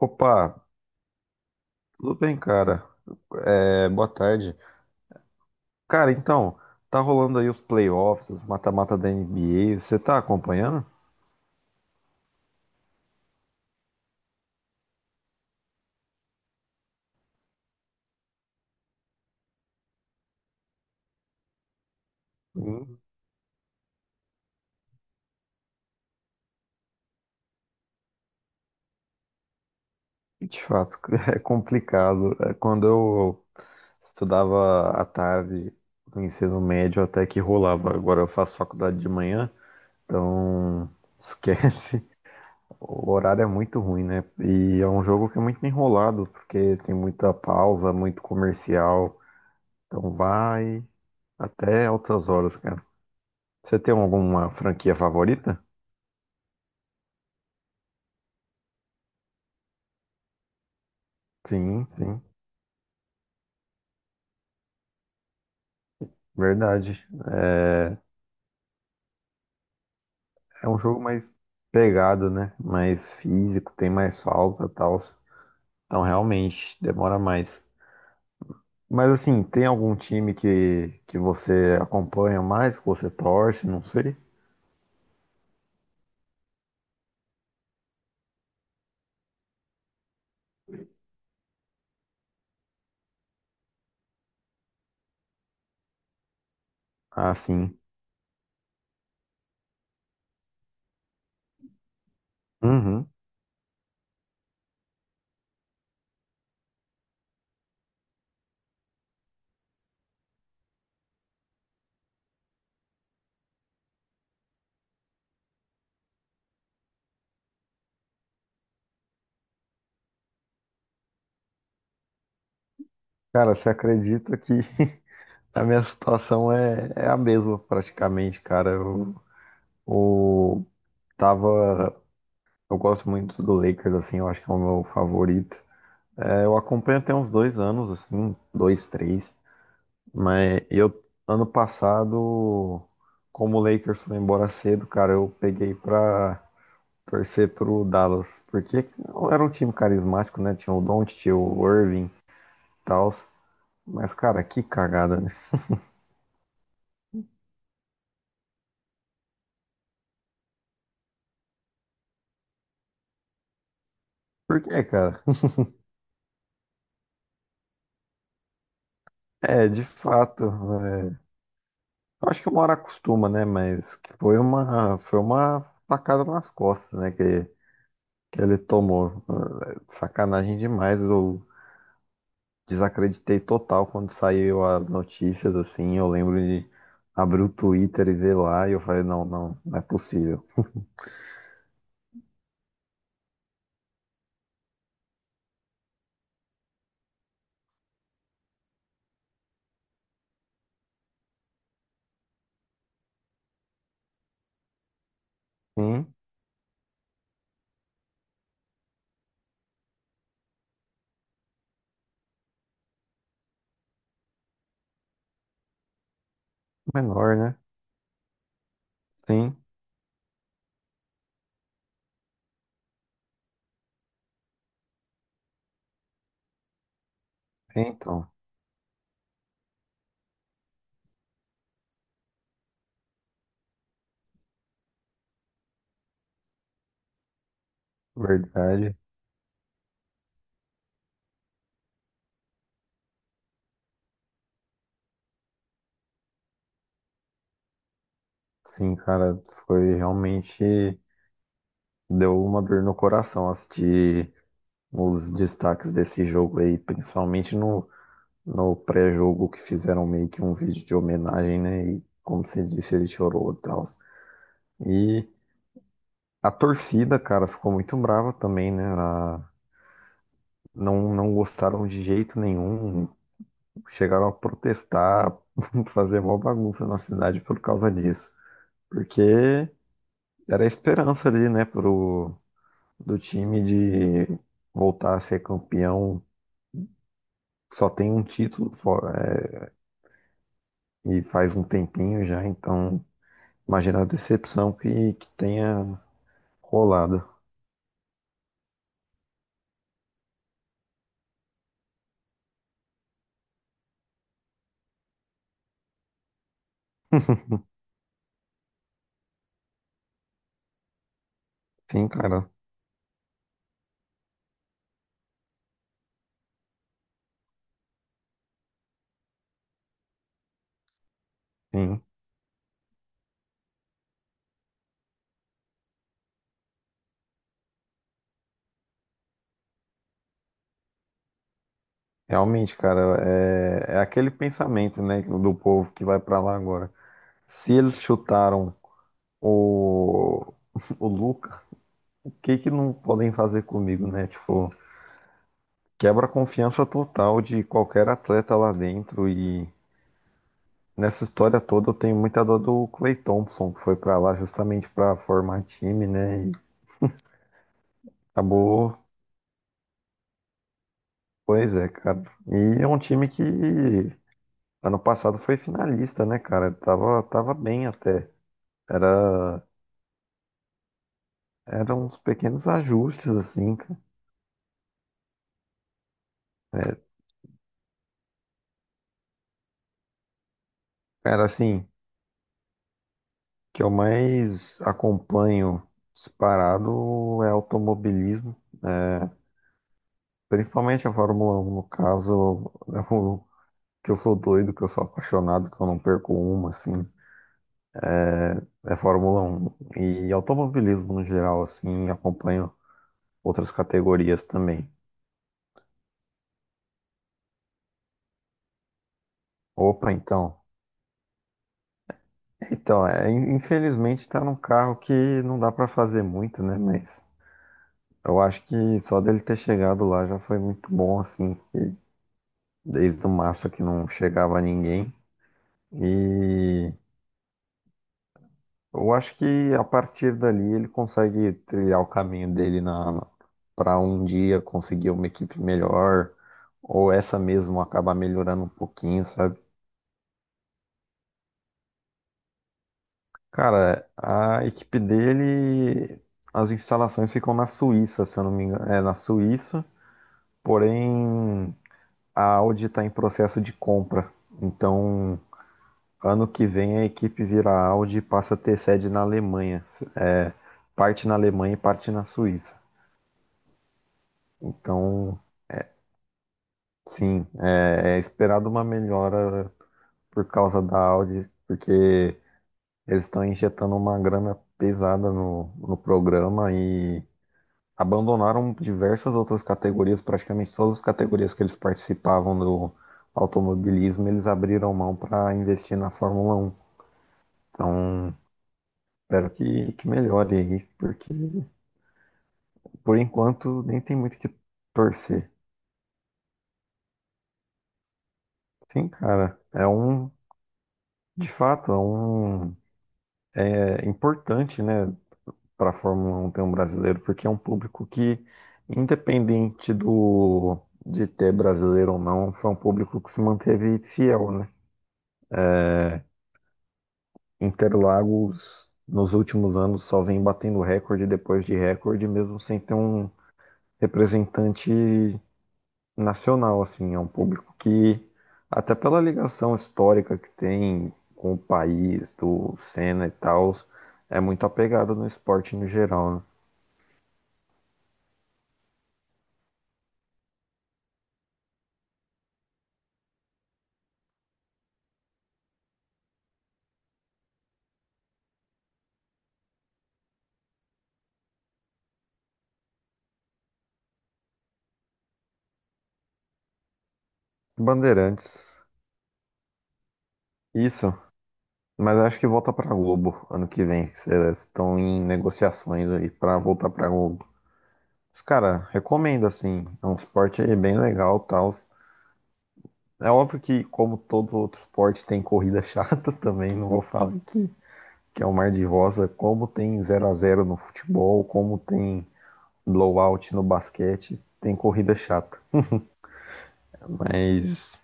Opa, tudo bem, cara? É, boa tarde. Cara, então, tá rolando aí os playoffs, os mata-mata da NBA. Você tá acompanhando? Hum. De fato, é complicado. É. Quando eu estudava à tarde no ensino médio, até que rolava. Agora eu faço faculdade de manhã, então esquece. O horário é muito ruim, né? E é um jogo que é muito enrolado, porque tem muita pausa, muito comercial. Então vai até altas horas, cara. Você tem alguma franquia favorita? Sim, sim, verdade. É, é um jogo mais pegado, né? Mais físico, tem mais falta e tal. Então, realmente, demora mais. Mas, assim, tem algum time que você acompanha mais, que você torce, não sei? Ah, sim. Uhum. Cara, você acredita que a minha situação é a mesma, praticamente, cara. Eu tava. Eu gosto muito do Lakers, assim, eu acho que é o meu favorito. É, eu acompanho tem uns 2 anos, assim, dois, três. Mas eu, ano passado, como o Lakers foi embora cedo, cara, eu peguei pra torcer pro Dallas. Porque era um time carismático, né? Tinha o Doncic, tinha o Irving e tal. Mas, cara, que cagada, né? Por quê, cara? É, de fato. é, eu acho que uma hora acostuma, né? Mas que foi uma facada nas costas, né? Que ele tomou. É, sacanagem demais. O Desacreditei total quando saiu as notícias, assim. Eu lembro de abrir o Twitter e ver lá, e eu falei, não, não, não é possível. Sim, menor, né? Sim, é, então, verdade. Sim, cara, foi realmente. Deu uma dor no coração assistir os destaques desse jogo aí, principalmente no pré-jogo, que fizeram meio que um vídeo de homenagem, né? E como você disse, ele chorou e tal. E a torcida, cara, ficou muito brava também, né? Não, não gostaram de jeito nenhum, chegaram a protestar, fazer mó bagunça na cidade por causa disso. Porque era a esperança ali, né, do time de voltar a ser campeão. Só tem um título fora, e faz um tempinho já, então imagina a decepção que tenha rolado. Sim, cara, sim. Realmente, cara, é aquele pensamento, né, do povo que vai pra lá agora. Se eles chutaram o, o Luca, o que que não podem fazer comigo, né? Tipo, quebra a confiança total de qualquer atleta lá dentro, e nessa história toda eu tenho muita dor do Clay Thompson, que foi pra lá justamente pra formar time, né? E acabou, pois é, cara. E é um time que ano passado foi finalista, né, cara? Tava bem até. Era, Eram uns pequenos ajustes, assim, cara. Cara, assim, que eu mais acompanho disparado é automobilismo, é, principalmente a Fórmula 1, no caso, é o que eu sou doido, que eu sou apaixonado, que eu não perco uma, assim, é Fórmula 1. E automobilismo no geral, assim, acompanho outras categorias também. Opa, então. Então, infelizmente tá num carro que não dá pra fazer muito, né? Mas eu acho que só dele ter chegado lá já foi muito bom, assim. Desde o Massa que não chegava a ninguém. E eu acho que a partir dali ele consegue trilhar o caminho dele na para um dia conseguir uma equipe melhor, ou essa mesmo acabar melhorando um pouquinho, sabe? Cara, a equipe dele, as instalações ficam na Suíça, se eu não me engano, é na Suíça, porém a Audi está em processo de compra. Então, ano que vem a equipe vira Audi e passa a ter sede na Alemanha. É, parte na Alemanha e parte na Suíça. Então, sim, é esperado uma melhora por causa da Audi, porque eles estão injetando uma grana pesada no programa, e abandonaram diversas outras categorias, praticamente todas as categorias que eles participavam do automobilismo, eles abriram mão para investir na Fórmula 1. Então, espero que melhore aí. Por enquanto, nem tem muito o que torcer. Sim, cara, é um, de fato, é um, é importante, né, para a Fórmula 1 ter um brasileiro, porque é um público que, independente do de ter brasileiro ou não, foi um público que se manteve fiel, né? Interlagos, nos últimos anos, só vem batendo recorde depois de recorde, mesmo sem ter um representante nacional, assim, é um público que, até pela ligação histórica que tem com o país, do Senna e tal, é muito apegado no esporte no geral, né? Bandeirantes, isso, mas acho que volta pra Globo ano que vem, se eles estão em negociações aí pra voltar pra Globo. Mas, cara, recomendo, assim, é um esporte bem legal e tal. É óbvio que, como todo outro esporte, tem corrida chata também. Não vou falar que é o Mar de Rosa, como tem zero a zero no futebol, como tem blowout no basquete. Tem corrida chata. Mas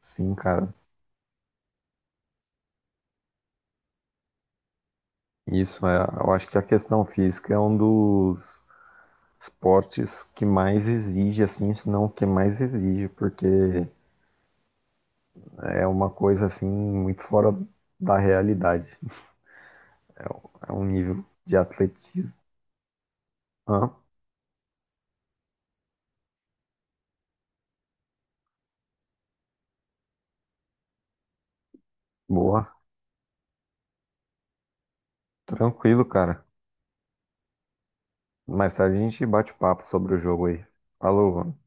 sim, cara, isso é, eu acho que a questão física é um dos esportes que mais exige, assim, se não o que mais exige, porque é uma coisa assim muito fora da realidade. É um nível de atletismo. Ah, boa, tranquilo, cara. Mais tarde a gente bate papo sobre o jogo aí. Falou, mano.